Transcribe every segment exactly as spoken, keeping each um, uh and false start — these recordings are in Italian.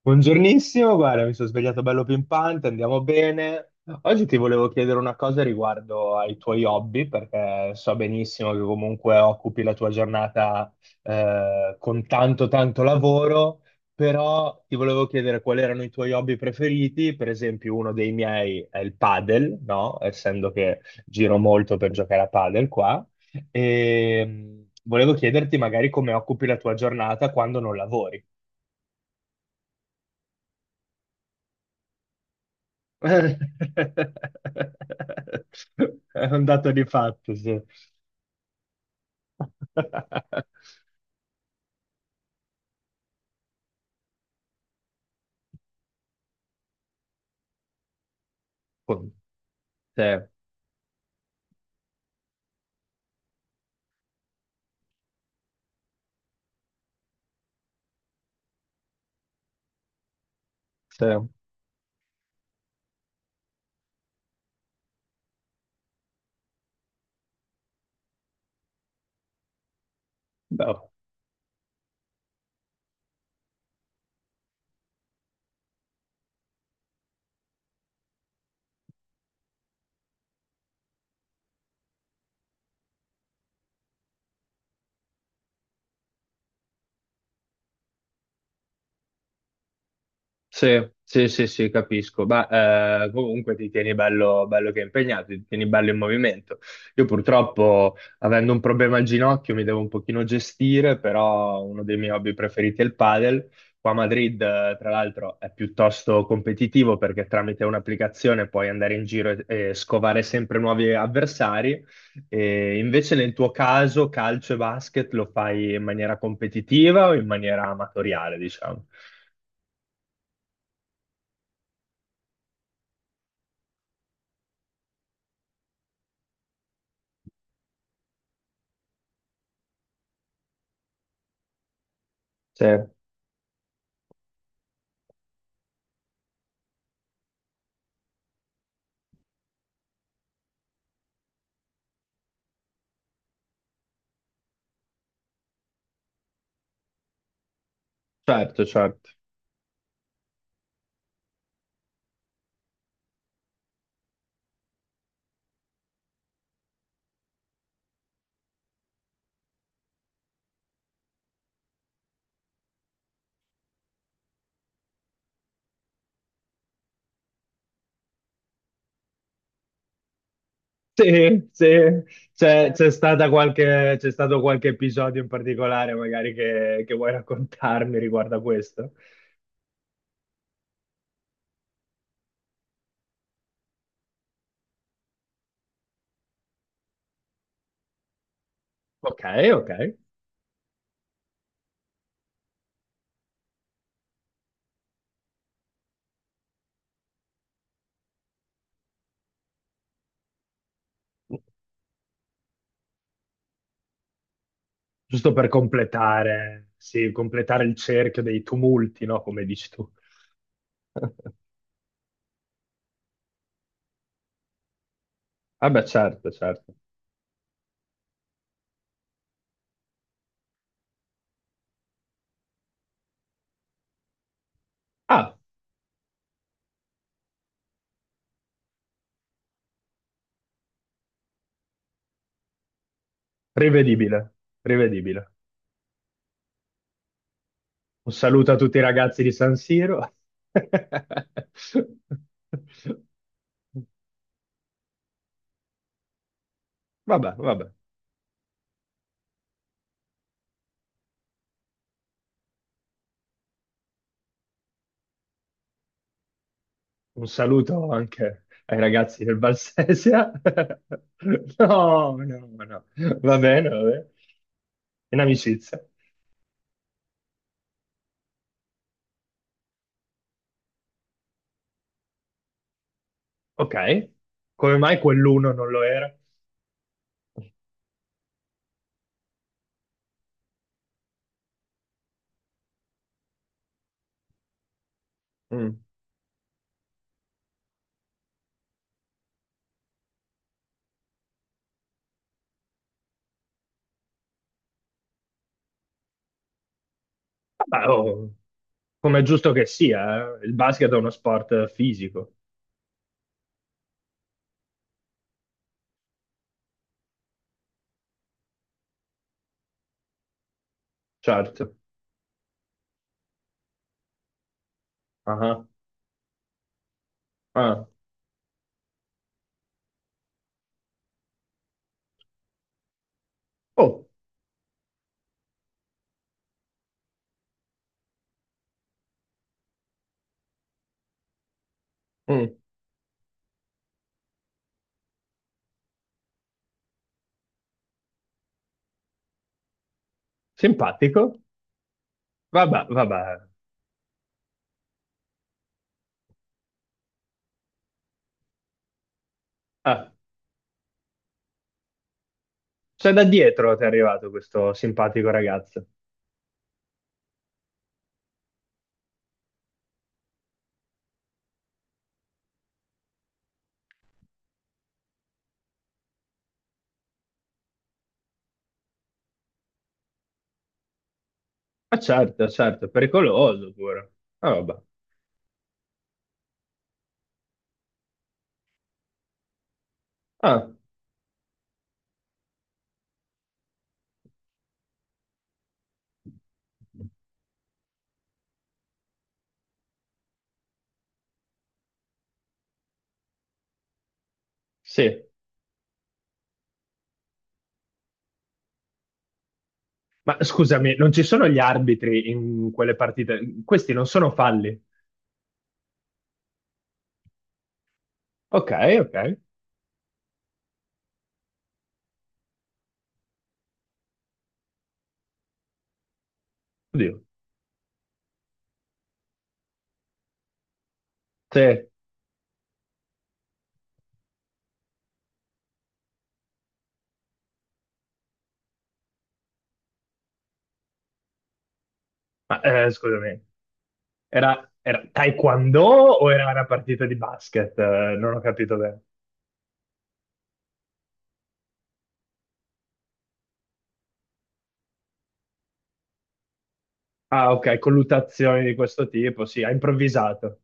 Buongiornissimo, guarda, mi sono svegliato bello pimpante, andiamo bene. Oggi ti volevo chiedere una cosa riguardo ai tuoi hobby, perché so benissimo che comunque occupi la tua giornata eh, con tanto tanto lavoro, però ti volevo chiedere quali erano i tuoi hobby preferiti. Per esempio, uno dei miei è il padel, no? Essendo che giro molto per giocare a padel qua. E mh, volevo chiederti magari come occupi la tua giornata quando non lavori. È un dato di fatto, sì. Cioè, sì, no. Sì, sì, sì, sì, capisco, ma eh, comunque ti tieni bello, bello che è impegnato, ti tieni bello in movimento. Io purtroppo, avendo un problema al ginocchio, mi devo un pochino gestire, però uno dei miei hobby preferiti è il padel. Qua a Madrid, eh, tra l'altro, è piuttosto competitivo perché tramite un'applicazione puoi andare in giro e, e scovare sempre nuovi avversari. E invece nel tuo caso, calcio e basket lo fai in maniera competitiva o in maniera amatoriale, diciamo? Sì. Certo, certo. Sì, sì. C'è c'è stata qualche, c'è stato qualche episodio in particolare magari che, che vuoi raccontarmi riguardo a questo? Ok, ok. Giusto per completare, sì, completare il cerchio dei tumulti, no? Come dici tu. Vabbè, certo, certo. Ah, rivedibile, rivedibile. Un saluto a tutti i ragazzi di San Siro. Vabbè, vabbè. Un saluto anche ai ragazzi del Valsesia. No, no, no. Va bene, va bene. In amicizia. Ok. Come mai quell'uno non lo era? Mm. Vabbè, oh, come è giusto che sia, eh. Il basket è uno sport fisico, certo. Ah, ah. Oh, mm. Simpatico. Vabbè, vabbè. Ah, cioè da dietro ti è arrivato questo simpatico ragazzo. Ah, certo, certo, pericoloso pure. Ah, vabbè. Ah, sì. Ma scusami, non ci sono gli arbitri in quelle partite? Questi non sono falli. Ok, ok. Oddio. Sì. Ma eh, scusami, era, era taekwondo o era una partita di basket? Eh, Non ho capito bene. Ah, ok, colluttazioni di questo tipo, sì, ha improvvisato.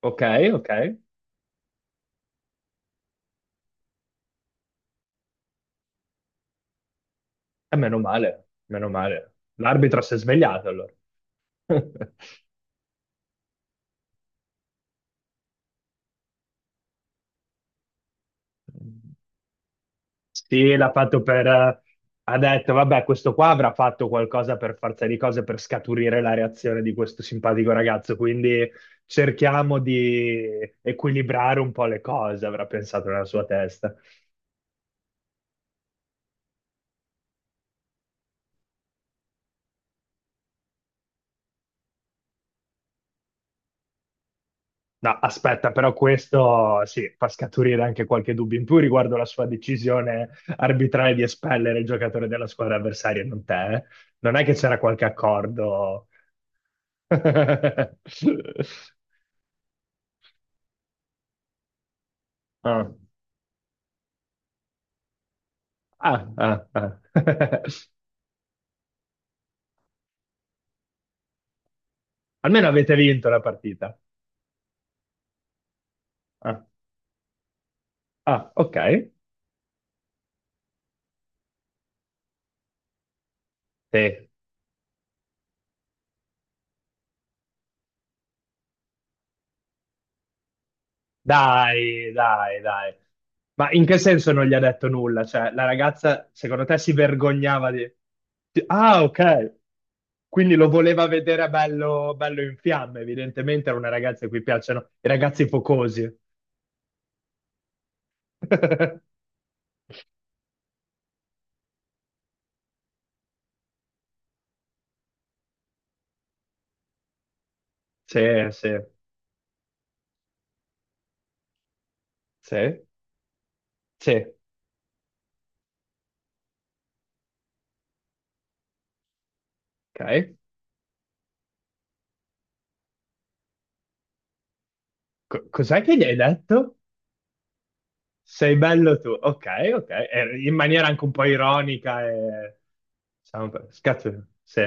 Ok, ok. E meno male, meno male. L'arbitro si è svegliato allora. Sì, l'ha fatto per... eh, ha detto, vabbè, questo qua avrà fatto qualcosa per forza di cose per scaturire la reazione di questo simpatico ragazzo, quindi cerchiamo di equilibrare un po' le cose, avrà pensato nella sua testa. No, aspetta, però questo sì, fa scaturire anche qualche dubbio in più riguardo la sua decisione arbitrale di espellere il giocatore della squadra avversaria, non te. Eh? Non è che c'era qualche accordo? Ah. Ah, ah, ah. Almeno avete vinto la partita. Ah, ah, ok. Sì. Dai, dai, dai. Ma in che senso non gli ha detto nulla? Cioè, la ragazza, secondo te, si vergognava di... di- Ah, ok. Quindi lo voleva vedere bello, bello in fiamme. Evidentemente era una ragazza a cui piacciono i ragazzi focosi. Sì, sì, sì, sì. Ok. Co- cos'è che gli hai detto? Sei bello tu, ok, ok, eh, in maniera anche un po' ironica e... diciamo, per- scazzo, sì,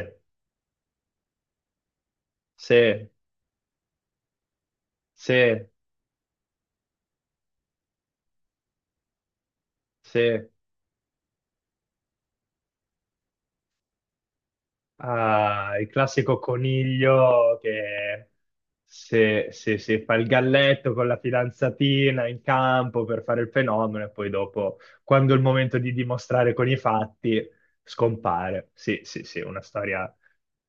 sì, sì, sì, ah, il classico coniglio che se, se- se fa il galletto con la fidanzatina in campo per fare il fenomeno e poi dopo, quando è il momento di dimostrare con i fatti, scompare. Sì, sì, sì, una storia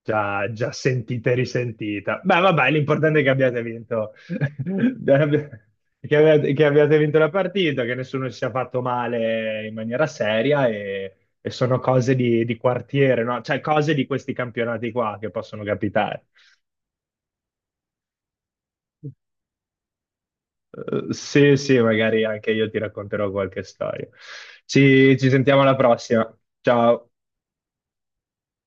già, già sentita e risentita. Beh, vabbè, l'importante è che abbiate vinto. Che abbi- che abbiate, che abbiate vinto la partita, che nessuno si sia fatto male in maniera seria e, e sono cose di, di quartiere, no? Cioè cose di questi campionati qua che possono capitare. Eh, sì, sì, magari anche io ti racconterò qualche storia. ci ci sentiamo alla prossima. Ciao.